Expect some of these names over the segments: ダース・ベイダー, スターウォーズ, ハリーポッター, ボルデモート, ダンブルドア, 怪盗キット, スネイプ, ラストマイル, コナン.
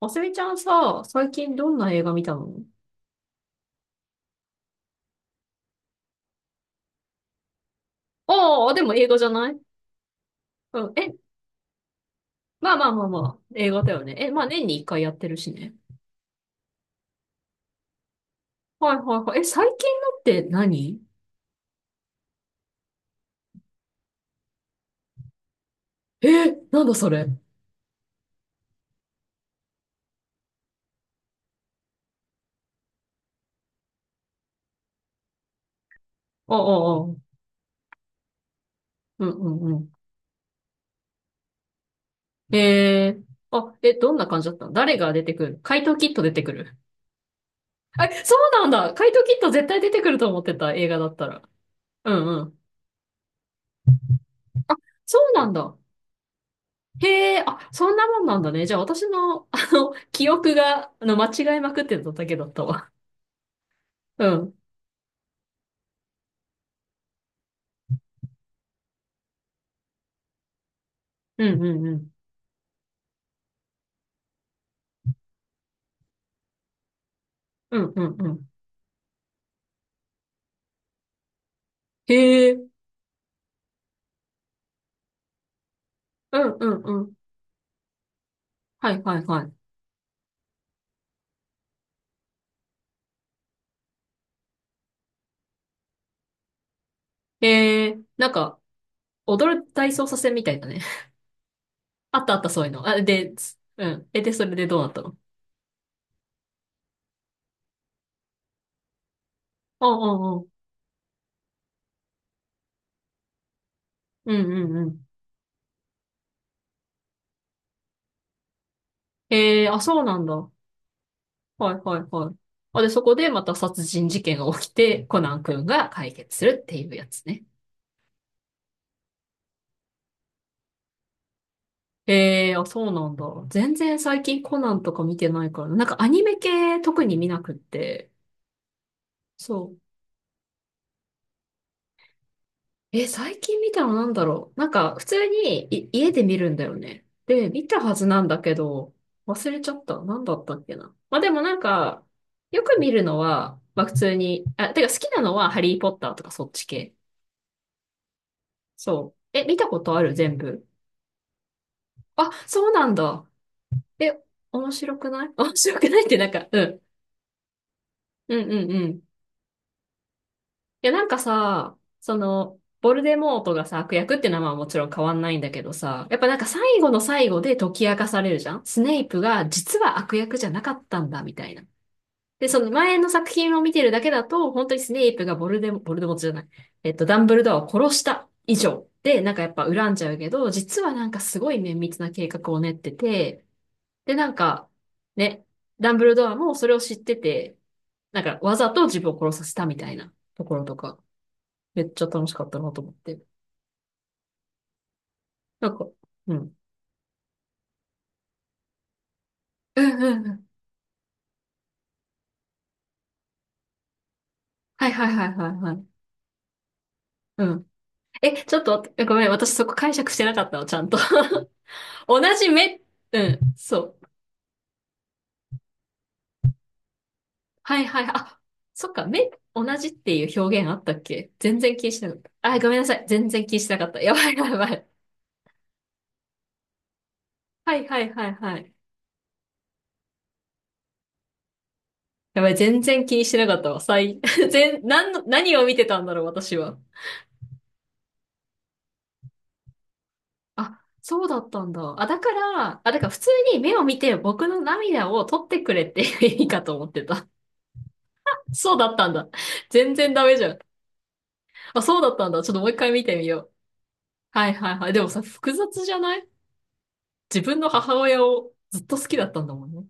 あすみちゃんさ、最近どんな映画見たの？ああ、でも映画じゃない。うん。え、まあまあまあまあ、映画だよね。え、まあ年に一回やってるしね。はいはいはい。え、最近のって何？え、なんだそれ。ああ、ああ、うんうんうん。えー、あ、え、どんな感じだったの？誰が出てくる？怪盗キット出てくる？え、そうなんだ。怪盗キット絶対出てくると思ってた、映画だったら。うんうん。そうなんだ。へえ、あ、そんなもんなんだね。じゃあ私の、記憶が、間違えまくってただけだったわ。うん。うんうんうん。うんうんうん。へえ、うんうんうん。はいはいはい。へえ、なんか、踊る体操させみたいだね。あったあったそういうの。あ、で、うん。え、で、それでどうなったの？ああ、ああ、うんうんうん。へえ、あ、そうなんだ。はいはいはい。あ、で、そこでまた殺人事件が起きて、コナン君が解決するっていうやつね。ええあ、そうなんだ。全然最近コナンとか見てないからな。なんかアニメ系特に見なくって。そう。え、最近見たのなんだろう。なんか普通に家で見るんだよね。で、見たはずなんだけど、忘れちゃった。なんだったっけな。まあでもなんか、よく見るのは、まあ普通に、あ、てか好きなのはハリーポッターとかそっち系。そう。え、見たことある？全部。あ、そうなんだ。え、面白くない？ 面白くないってなんか、うん。うんうんうん。いや、なんかさ、その、ボルデモートがさ、悪役って名前はもちろん変わんないんだけどさ、やっぱなんか最後の最後で解き明かされるじゃん。スネイプが実は悪役じゃなかったんだ、みたいな。で、その前の作品を見てるだけだと、本当にスネイプがボルデモートじゃない。ダンブルドアを殺した以上で、なんかやっぱ恨んじゃうけど、実はなんかすごい綿密な計画を練ってて、で、なんか、ね、ダンブルドアもそれを知ってて、なんかわざと自分を殺させたみたいなところとか。めっちゃ楽しかったなと思って。なんか、うん。うんうんうん。はいはいはいはいはい。うん。え、ちょっと待って、ごめん、私そこ解釈してなかったの、ちゃんと。同じ目、うん、そう。はいはいはい。あ、そっか、目、同じっていう表現あったっけ？全然気にしなかった。あ、ごめんなさい。全然気にしなかった。やばいやばい。はいはいはいはい。やばい、全然気にしてなかったわ。なんの、何を見てたんだろう、私は。あ、そうだったんだ。あ、だから普通に目を見て僕の涙を取ってくれっていいかと思ってた。そうだったんだ。全然ダメじゃん。あ、そうだったんだ。ちょっともう一回見てみよう。はいはいはい。でもさ、複雑じゃない？自分の母親をずっと好きだったんだもんね。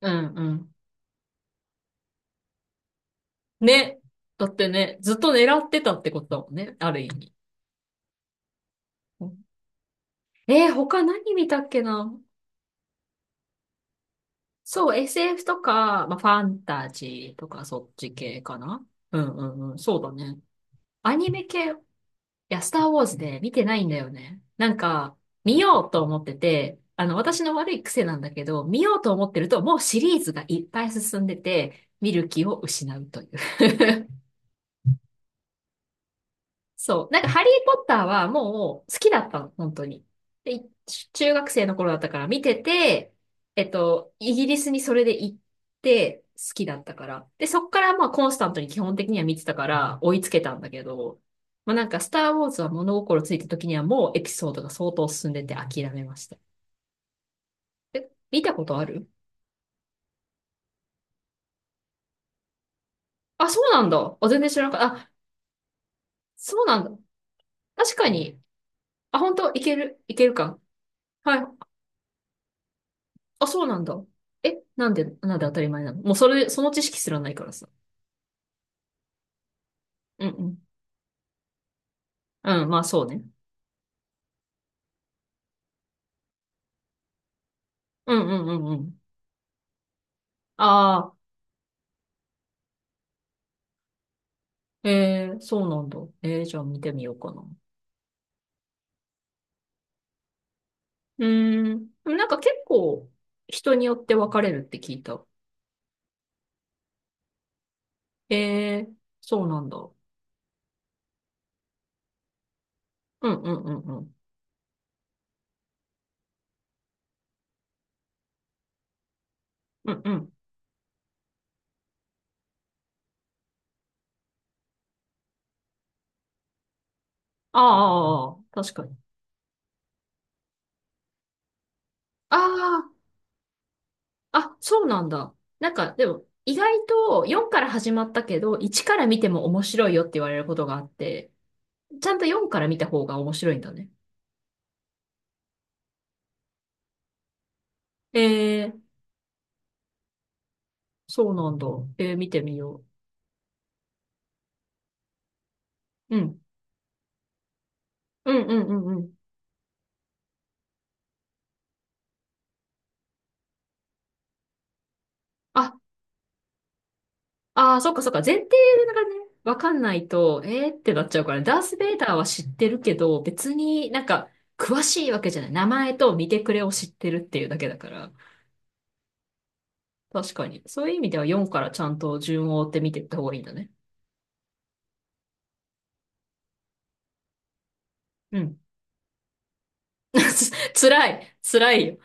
うんうん。ね。だってね、ずっと狙ってたってことだもんね。ある意味。うん。他何見たっけな。そう、SF とか、まあ、ファンタジーとかそっち系かな。うんうんうん。そうだね。アニメ系、いや、スターウォーズで見てないんだよね。なんか、見ようと思ってて、私の悪い癖なんだけど、見ようと思ってると、もうシリーズがいっぱい進んでて、見る気を失うという。そう。なんか、ハリー・ポッターはもう好きだったの、本当に。で、中学生の頃だったから見てて、イギリスにそれで行って好きだったから。で、そっからまあコンスタントに基本的には見てたから追いつけたんだけど、まあなんか、スター・ウォーズは物心ついた時にはもうエピソードが相当進んでて諦めました。え、見たことある？あ、そうなんだ。あ、全然知らなかった。あ、そうなんだ。確かに。あ、本当？いける、いけるか。はい。あ、そうなんだ。え、なんで、なんで当たり前なの？もうその知識すらないからさ。うんうん。うん、まあそうね。うんうんうんうん。ああ、えー、そうなんだ。えー、じゃあ見てみようかな。うーん。でもなんか結構人によって分かれるって聞いた。えー、そうなんだ。うんうんうんうん。うんうん。ああ、ああ確かに。ああ、あ、そうなんだ。なんかでも意外と4から始まったけど、1から見ても面白いよって言われることがあって、ちゃんと4から見た方が面白いんだね。えー、そうなんだ。えー、見てみよう。うん。うんうんうんうん。あ、あー、そっかそっか。前提がね、わかんないと、えーってなっちゃうから、ダース・ベイダーは知ってるけど、別になんか、詳しいわけじゃない。名前と見てくれを知ってるっていうだけだから。確かに。そういう意味では4からちゃんと順を追って見ていった方がいいんだね。うん。辛い。辛いよ。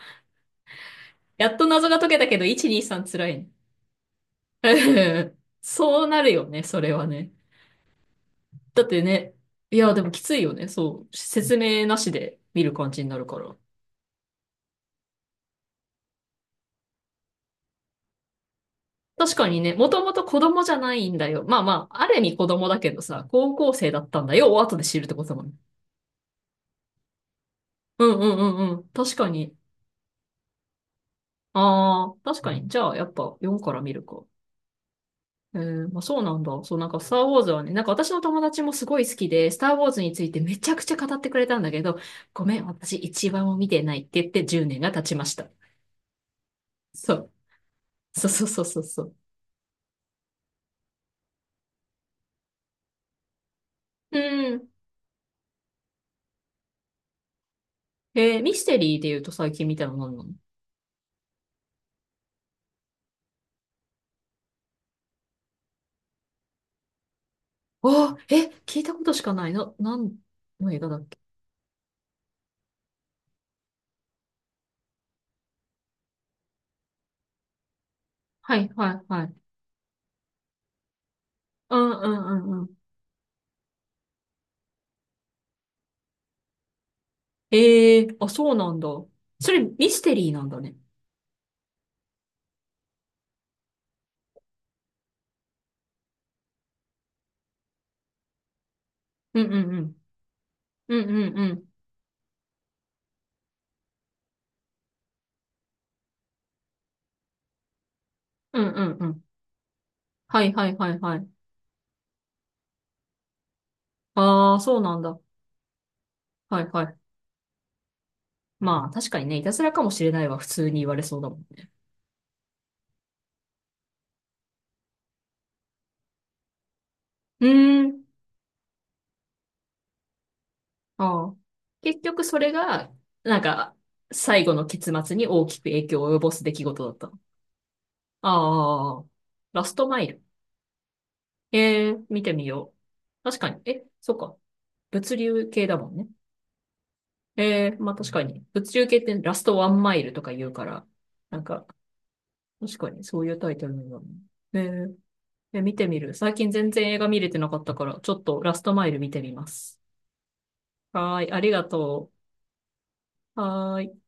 やっと謎が解けたけど、1、2、3辛いね。そうなるよね、それはね。だってね、いや、でもきついよね。そう。説明なしで見る感じになるから。確かにね、もともと子供じゃないんだよ。まあまあ、ある意味子供だけどさ、高校生だったんだよ。を後で知るってことだもんね。うんうんうんうん。確かに。ああ、確かに。じゃあ、やっぱ4から見るか。えー、まあそうなんだ。そう、なんか、スター・ウォーズはね、なんか私の友達もすごい好きで、スター・ウォーズについてめちゃくちゃ語ってくれたんだけど、ごめん、私一番も見てないって言って10年が経ちました。そう。そうそうそうそうそう。うん。えー、ミステリーで言うと最近見たの何なの？ああえ、聞いたことしかない。何の映画だっけ？はいはいはい。うんうんうんうん。ええあ、そうなんだ。それミステリーなんだね。うんうんうん。うんうんうん。うんうんうん。はいはいはいはい。ああ、そうなんだ。はいはい。まあ、確かにね、いたずらかもしれないは普通に言われそうだもんね。うーん。ああ。結局それが、なんか、最後の結末に大きく影響を及ぼす出来事だった。ああ、ラストマイル。ええ、見てみよう。確かに。え、そっか。物流系だもんね。ええ、まあ確かに。物流系ってラストワンマイルとか言うから、なんか、確かにそういうタイトルなんだもんね。ええ、え見てみる。最近全然映画見れてなかったから、ちょっとラストマイル見てみます。はーい、ありがとう。はーい。